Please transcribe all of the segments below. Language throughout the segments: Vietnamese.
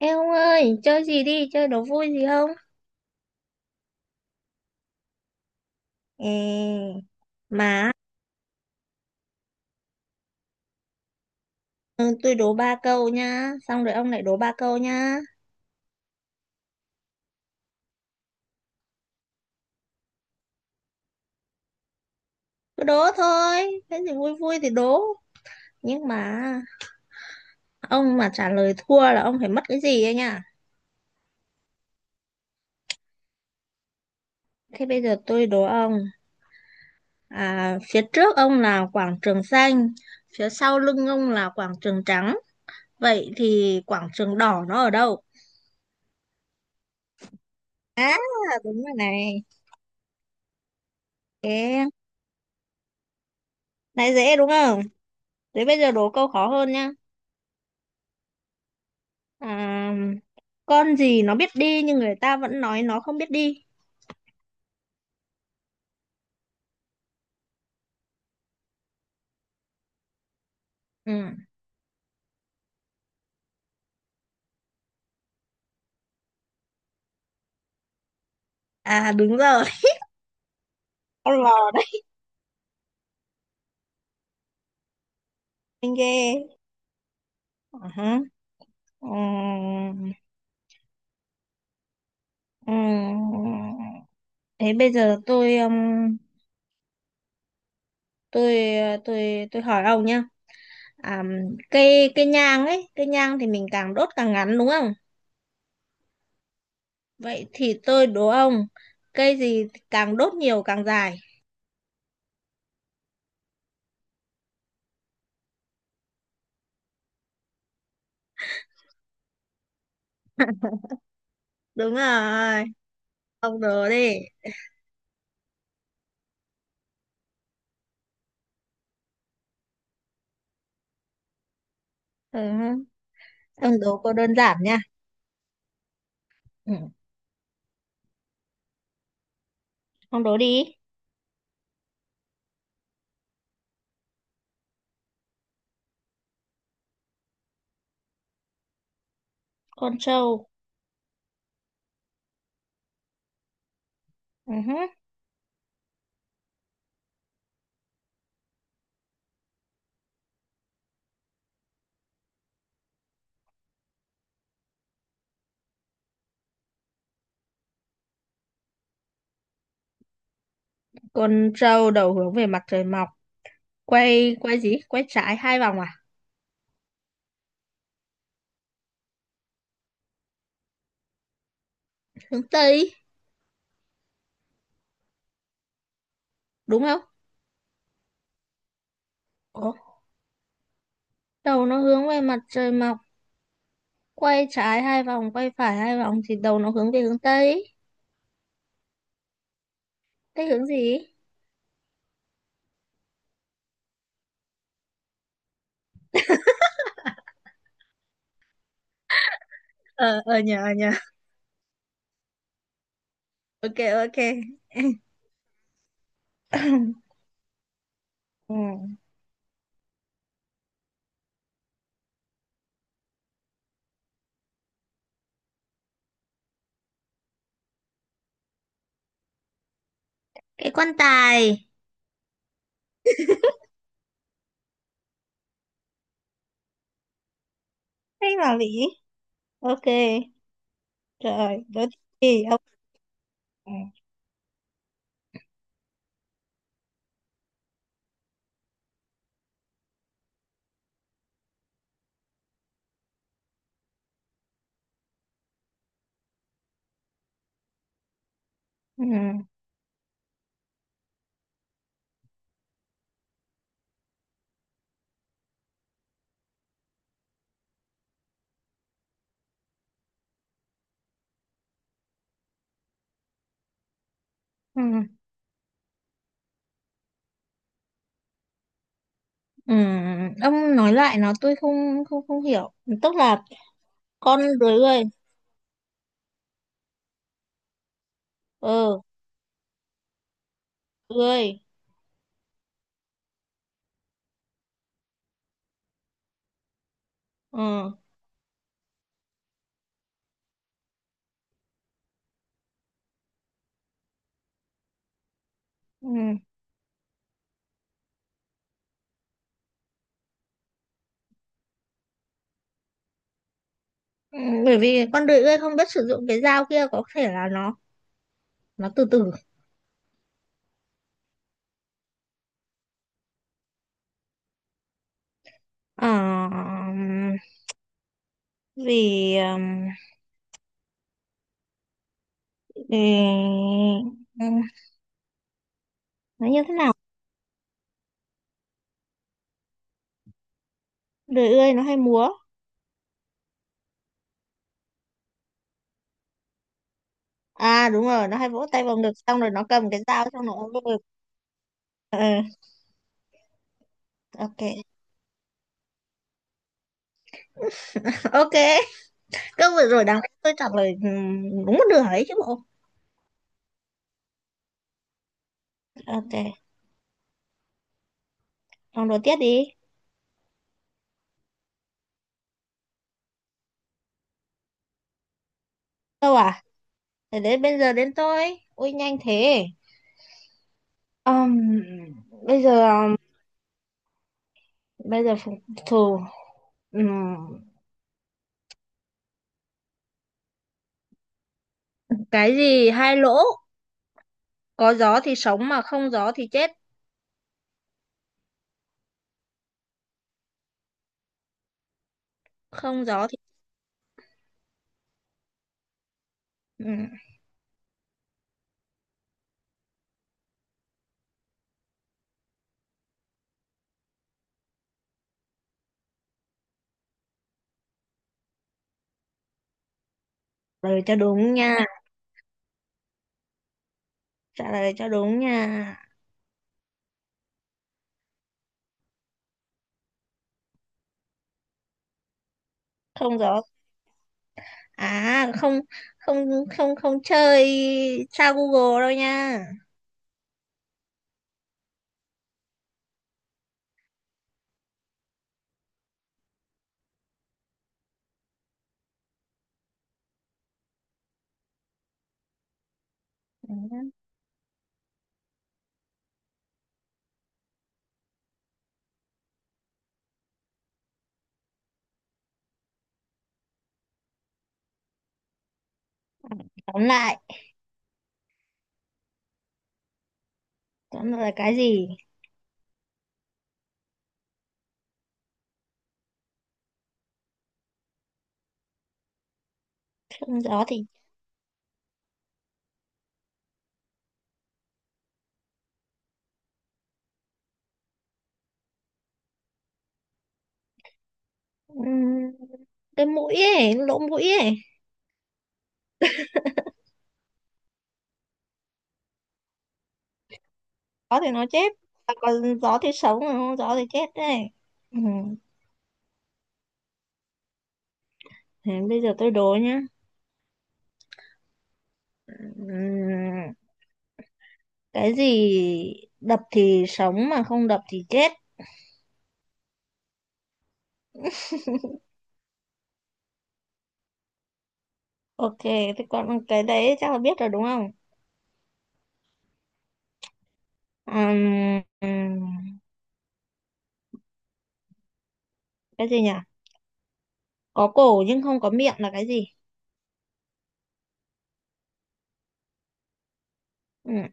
Ê ông ơi, chơi gì đi, chơi đố vui gì không? Ê, mà ừ, tôi đố ba câu nha, xong rồi ông lại đố ba câu nha. Cứ đố thôi, cái gì vui vui thì đố. Nhưng mà ông mà trả lời thua là ông phải mất cái gì ấy nha. Thế bây giờ tôi đố ông, à, phía trước ông là quảng trường xanh, phía sau lưng ông là quảng trường trắng. Vậy thì quảng trường đỏ nó ở đâu? À, đúng rồi này. Ê, này dễ đúng không? Thế bây giờ đố câu khó hơn nha. À, con gì nó biết đi nhưng người ta vẫn nói nó không biết đi. Ừ. À đúng rồi, con lò đấy, anh ghê. Ờ hả. Ừm, ừm. Thế bây giờ tôi tôi hỏi ông nhá. À, cây cây nhang ấy, cây nhang thì mình càng đốt càng ngắn đúng không? Vậy thì tôi đố ông, cây gì càng đốt nhiều càng dài. Đúng rồi. Ông đố đi. Ừ. Ông đố cô đơn giản nha. Ừ. Ông đố đi. Con trâu. Ừ hứ. Con trâu đầu hướng về mặt trời mọc, quay quay gì quay trái hai vòng à, hướng tây đúng không? Ủa? Đầu nó hướng về mặt trời mọc, quay trái hai vòng quay phải hai vòng thì đầu nó hướng về hướng tây. Tây hướng gì? Ờ ờ, nhờ ok, ok. Ừ. Cái quan tài. Hay là lý. Ok. Trời. Đố thì ông. Ừ. Ừ. Ừ. Ừ. Ông nói lại nó, tôi không không không hiểu, tức là con dưới người. Ừ. Ươi. Ừ. Ừ. Ừ. Bởi vì con đười ươi không biết sử dụng cái dao kia, có thể là nó từ từ. Ờ, vì vì ừm, nó như thế nào. Đười ươi nó hay múa. À đúng rồi, nó hay vỗ tay vào ngực xong rồi nó cầm cái dao xong rồi nó vỗ ngực. Ờ, ok. Ok. Câu vừa rồi đáng lẽ tôi trả lời đúng một nửa đấy chứ bộ. Ok. Còn đố tiếp đi. Câu à. Thế đến bây giờ đến tôi, ui nhanh thế. Ừm, bây giờ bây giờ phục thù. Ừm, cái gì hai lỗ, có gió thì sống mà không gió thì chết. Không gió thì. Ừm, Trả lời cho đúng nha. Trả lời cho đúng nha. Không gió à. Không, không, không, không, không chơi. Sao Google đâu nha. Ừm, tóm lại tóm lại là cái gì. Không gió thì ừm, cái mũi ấy, lỗ mũi ấy. Gió thì nó chết à, còn gió thì sống mà không gió thì chết đấy. Ừm, Thế bây giờ tôi đố nhá. Ừm, cái gì đập thì sống mà không đập thì chết. Ok. Thế còn cái đấy chắc là biết rồi đúng không. Ừm, ừm, cái gì nhỉ, có cổ nhưng không có miệng là cái gì. Ừm,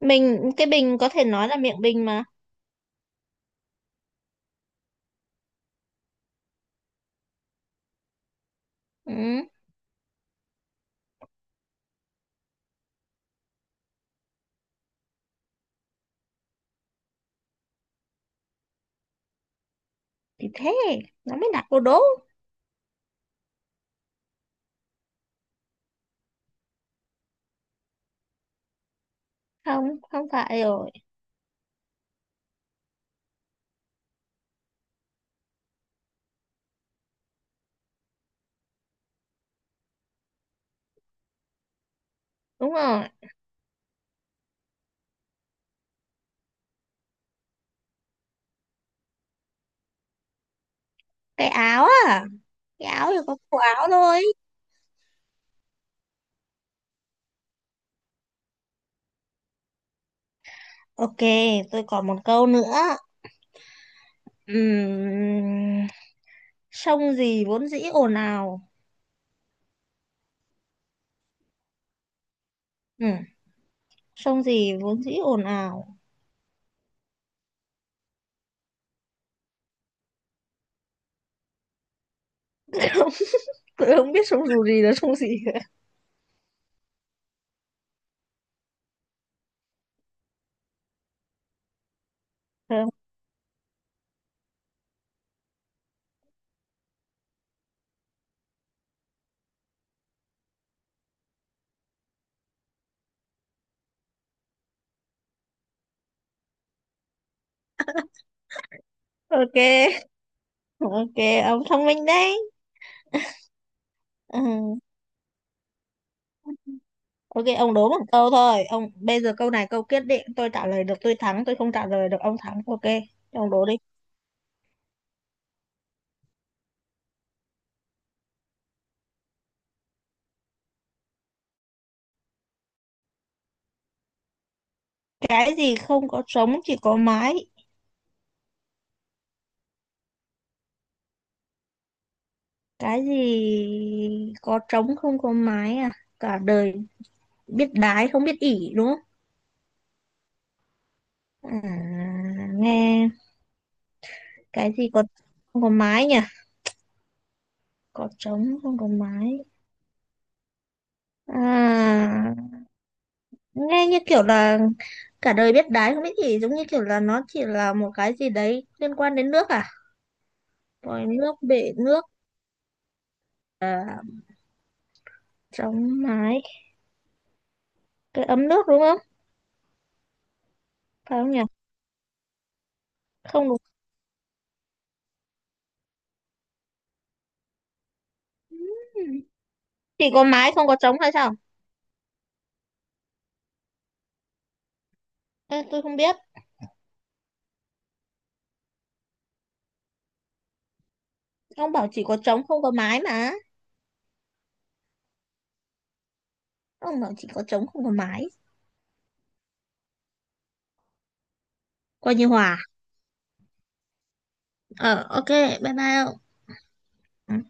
mình cái bình có thể nói là miệng bình mà. Ừm, thì thế nó mới đặt vô đố. Không, không phải rồi. Đúng rồi. Cái áo à. Cái áo thì có cổ áo thôi. Ok. Tôi còn một câu nữa. Ừm, Sông gì vốn dĩ ồn ào. Ừm, Sông gì vốn dĩ ồn ào. Tôi không biết sông dù gì là sông gì cả. Ờ, ok, ok. Ông thông minh đấy. Ừ. Ok, ông đố một câu thôi ông, bây giờ câu này câu quyết định, tôi trả lời được tôi thắng, tôi không trả lời được ông thắng, ok. Ông đố đi. Cái gì không có trống chỉ có mái. Cái gì có trống không có mái à. Cả đời biết đái không biết ỉ đúng không. À, nghe. Cái gì có, không có mái nhỉ, có trống không có mái. À, nghe như kiểu là cả đời biết đái không biết gì, giống như kiểu là nó chỉ là một cái gì đấy liên quan đến nước à. Vòi nước, bể nước. À, trống mái. Cái ấm nước đúng không. Phải không nhỉ. Không đúng. Ừ. Chỉ có mái không có trống hay sao. Ê, tôi không biết. Ông bảo chỉ có trống không có mái mà. Ông bảo chỉ có trống không có mái. Coi như hòa. Ờ ok. Bye bye ông. Ừ.